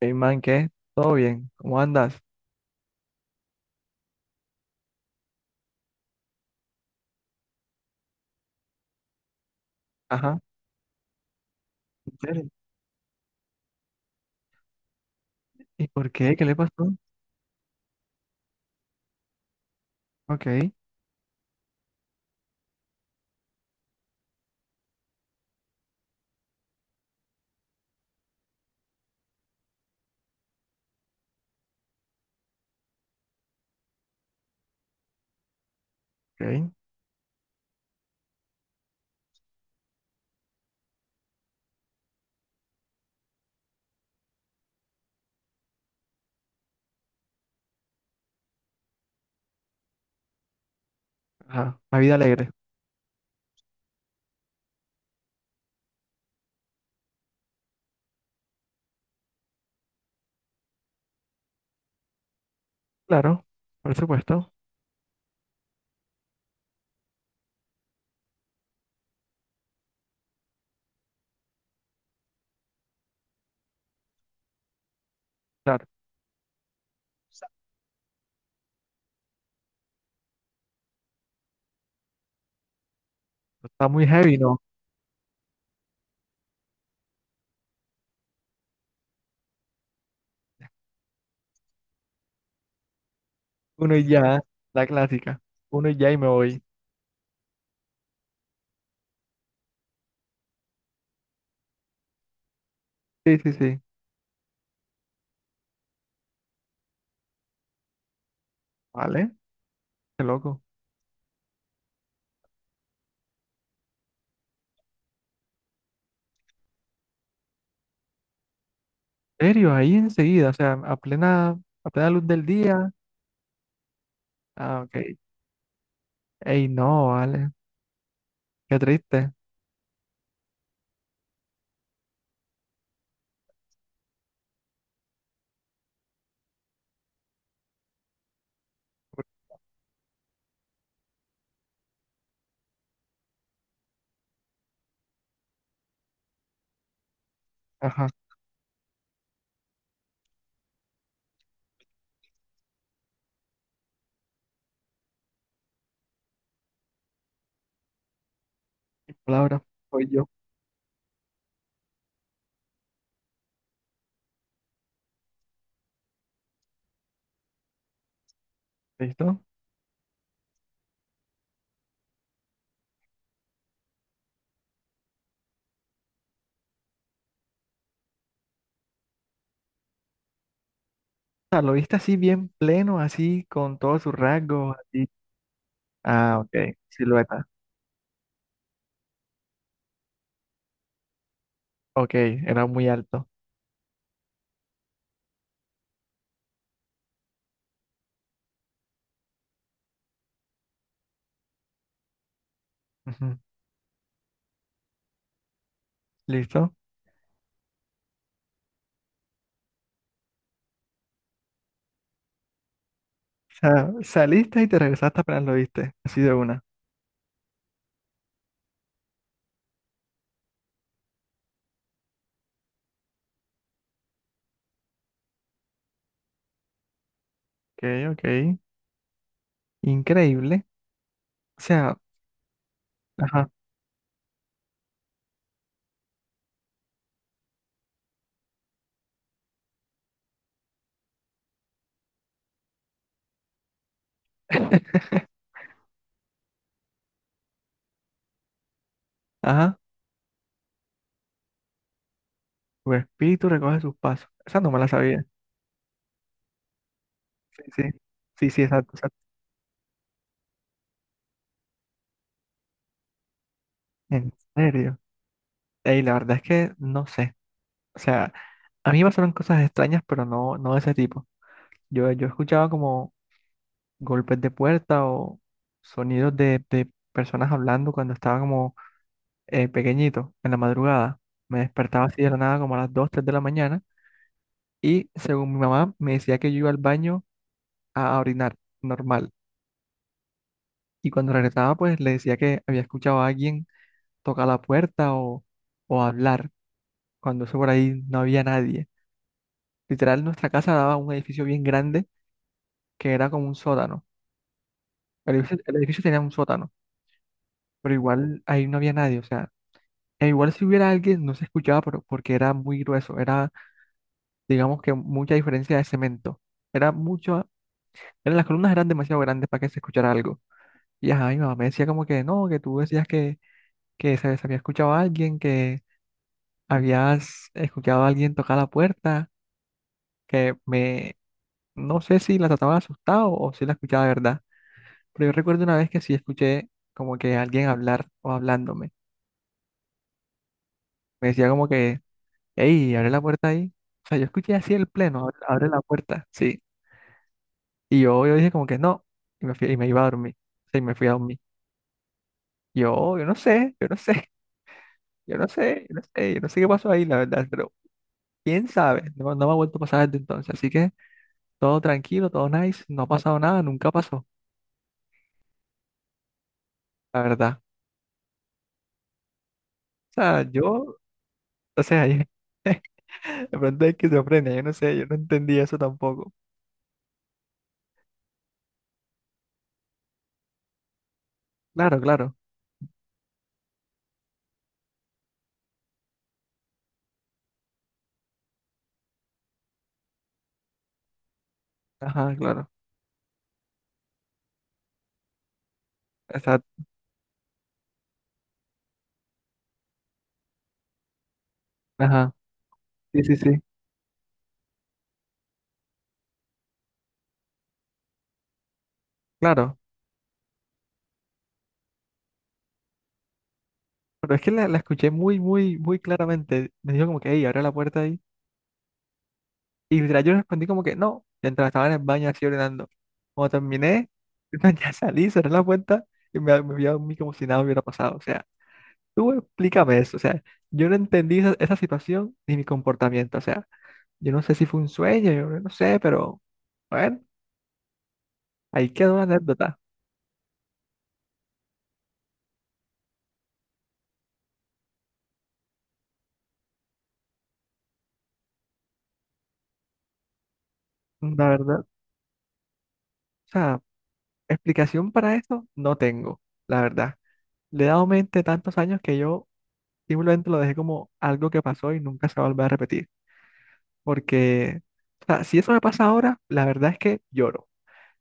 Hey man, ¿qué? ¿Todo bien? ¿Cómo andas? Ajá, ¿en serio? ¿Y por qué? ¿Qué le pasó? Ok, ok. Ajá, una vida alegre. Claro, por supuesto. Claro, está muy heavy, ¿no? Uno y ya, la clásica. Uno y ya y me voy. Sí, sí, sí. Vale, qué loco. ¿En serio? Ahí enseguida, o sea, a plena luz del día. Ah, ok. Ey, no, vale. Qué triste. Ajá, mi palabra. Soy yo. ¿Listo? O sea, lo viste así bien pleno, así, con todos sus rasgos, así. Ah, ok, silueta. Ok, era muy alto. Ujú, ¿Listo? O sea, saliste y te regresaste apenas lo viste, así de una. Ok, ok, increíble. O sea, ajá, ajá, tu espíritu recoge sus pasos. Esa no me la sabía. Sí, sí, sí, sí, exacto, exacto. En serio. Ey, la verdad es que no sé. O sea, a mí me pasaron cosas extrañas, pero no, no de ese tipo. Yo escuchaba como golpes de puerta o sonidos de personas hablando cuando estaba como pequeñito, en la madrugada, me despertaba así de la nada como a las 2 3 de la mañana y según mi mamá me decía que yo iba al baño a orinar, normal. Y cuando regresaba pues le decía que había escuchado a alguien tocar la puerta o hablar, cuando eso por ahí no había nadie. Literal, nuestra casa daba un edificio bien grande que era como un sótano. El edificio tenía un sótano, pero igual ahí no había nadie, o sea, e igual si hubiera alguien no se escuchaba pero, porque era muy grueso, era digamos que mucha diferencia de cemento. Era mucho, eran, las columnas eran demasiado grandes para que se escuchara algo. Y ajá, mi mamá me decía como que no, que tú decías que se había escuchado a alguien, que habías escuchado a alguien tocar la puerta, que me, no sé si la trataba de asustado o si la escuchaba de verdad. Pero yo recuerdo una vez que sí escuché como que alguien hablar o hablándome. Me decía como que, hey, abre la puerta ahí. O sea, yo escuché así el pleno, abre la puerta, sí. Y yo dije como que no, y me fui, y me iba a dormir. Sí, me fui a dormir. Yo no sé, yo no sé, yo no sé, yo no sé, yo no sé qué pasó ahí, la verdad, pero quién sabe, no, no me ha vuelto a pasar desde entonces. Así que todo tranquilo, todo nice, no ha pasado nada, nunca pasó, la verdad. O sea, yo, o sea, yo, de pronto es esquizofrenia, yo no sé, yo no entendí eso tampoco. Claro, claro, ajá, exacto, ajá, sí, sí, sí, claro. Pero es que la escuché muy, muy, muy claramente. Me dijo como que, hey, abre la puerta. Y literal yo respondí como que no, mientras estaba en el baño así orinando. Cuando terminé, ya salí, cerré la puerta y me vi a dormir como si nada hubiera pasado. O sea, tú explícame eso. O sea, yo no entendí esa, esa situación ni mi comportamiento. O sea, yo no sé si fue un sueño, yo no sé, pero bueno, ahí quedó la anécdota. La verdad, o sea, explicación para esto no tengo, la verdad. Le he dado mente tantos años que yo simplemente lo dejé como algo que pasó y nunca se va a volver a repetir. Porque, o sea, si eso me pasa ahora, la verdad es que lloro.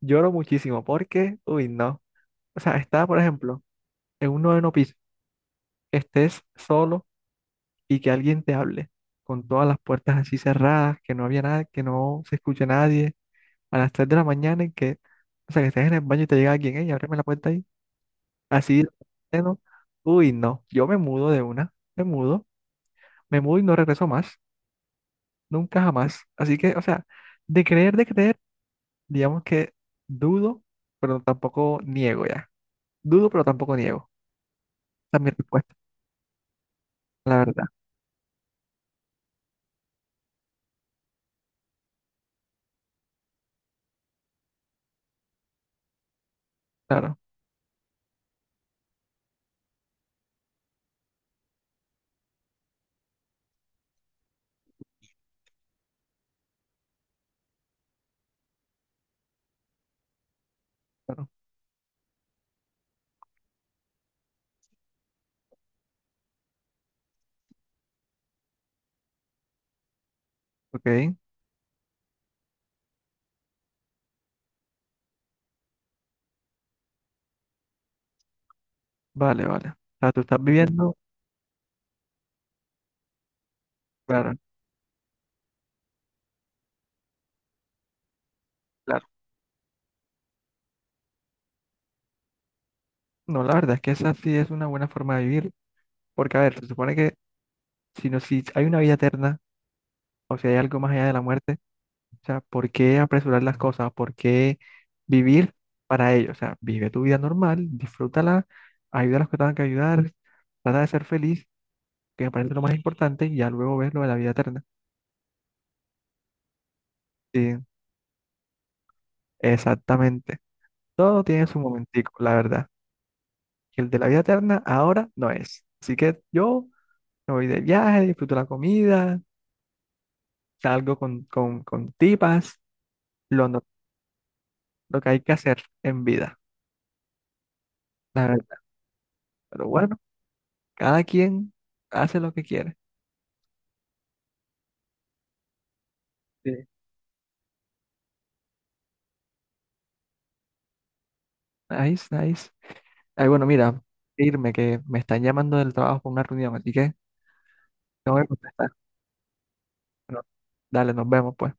Lloro muchísimo porque, uy, no. O sea, estar, por ejemplo, en un noveno piso, estés solo y que alguien te hable, con todas las puertas así cerradas, que no había nada, que no se escuche nadie, a las 3 de la mañana y que, o sea, que estés en el baño y te llega alguien, hey, ábreme la puerta ahí. Así, de pleno. Uy, no. Yo me mudo de una, me mudo y no regreso más, nunca jamás. Así que, o sea, de creer, de creer. Digamos que dudo, pero tampoco niego ya. Dudo, pero tampoco niego. Esa es mi respuesta, la verdad. Claro, claro. Ok, vale, vale. O sea, tú estás viviendo, claro, claro. No, la verdad es que esa sí es una buena forma de vivir, porque a ver, se supone que si, no, si hay una vida eterna, o si hay algo más allá de la muerte, o sea, ¿por qué apresurar las cosas? ¿Por qué vivir para ello? O sea, vive tu vida normal, disfrútala, ayuda a los que tengan que ayudar, trata de ser feliz, que me parece lo más importante, y ya luego ves lo de la vida eterna. Sí, exactamente. Todo tiene su momentico, la verdad. Y el de la vida eterna ahora no es. Así que yo me voy de viaje, disfruto la comida, salgo con tipas, lo, no- lo que hay que hacer en vida, la verdad. Pero bueno, cada quien hace lo que quiere. Sí. Nice, nice. Ay, bueno, mira, irme que me están llamando del trabajo por una reunión, así que tengo que contestar. Bueno, dale, nos vemos pues.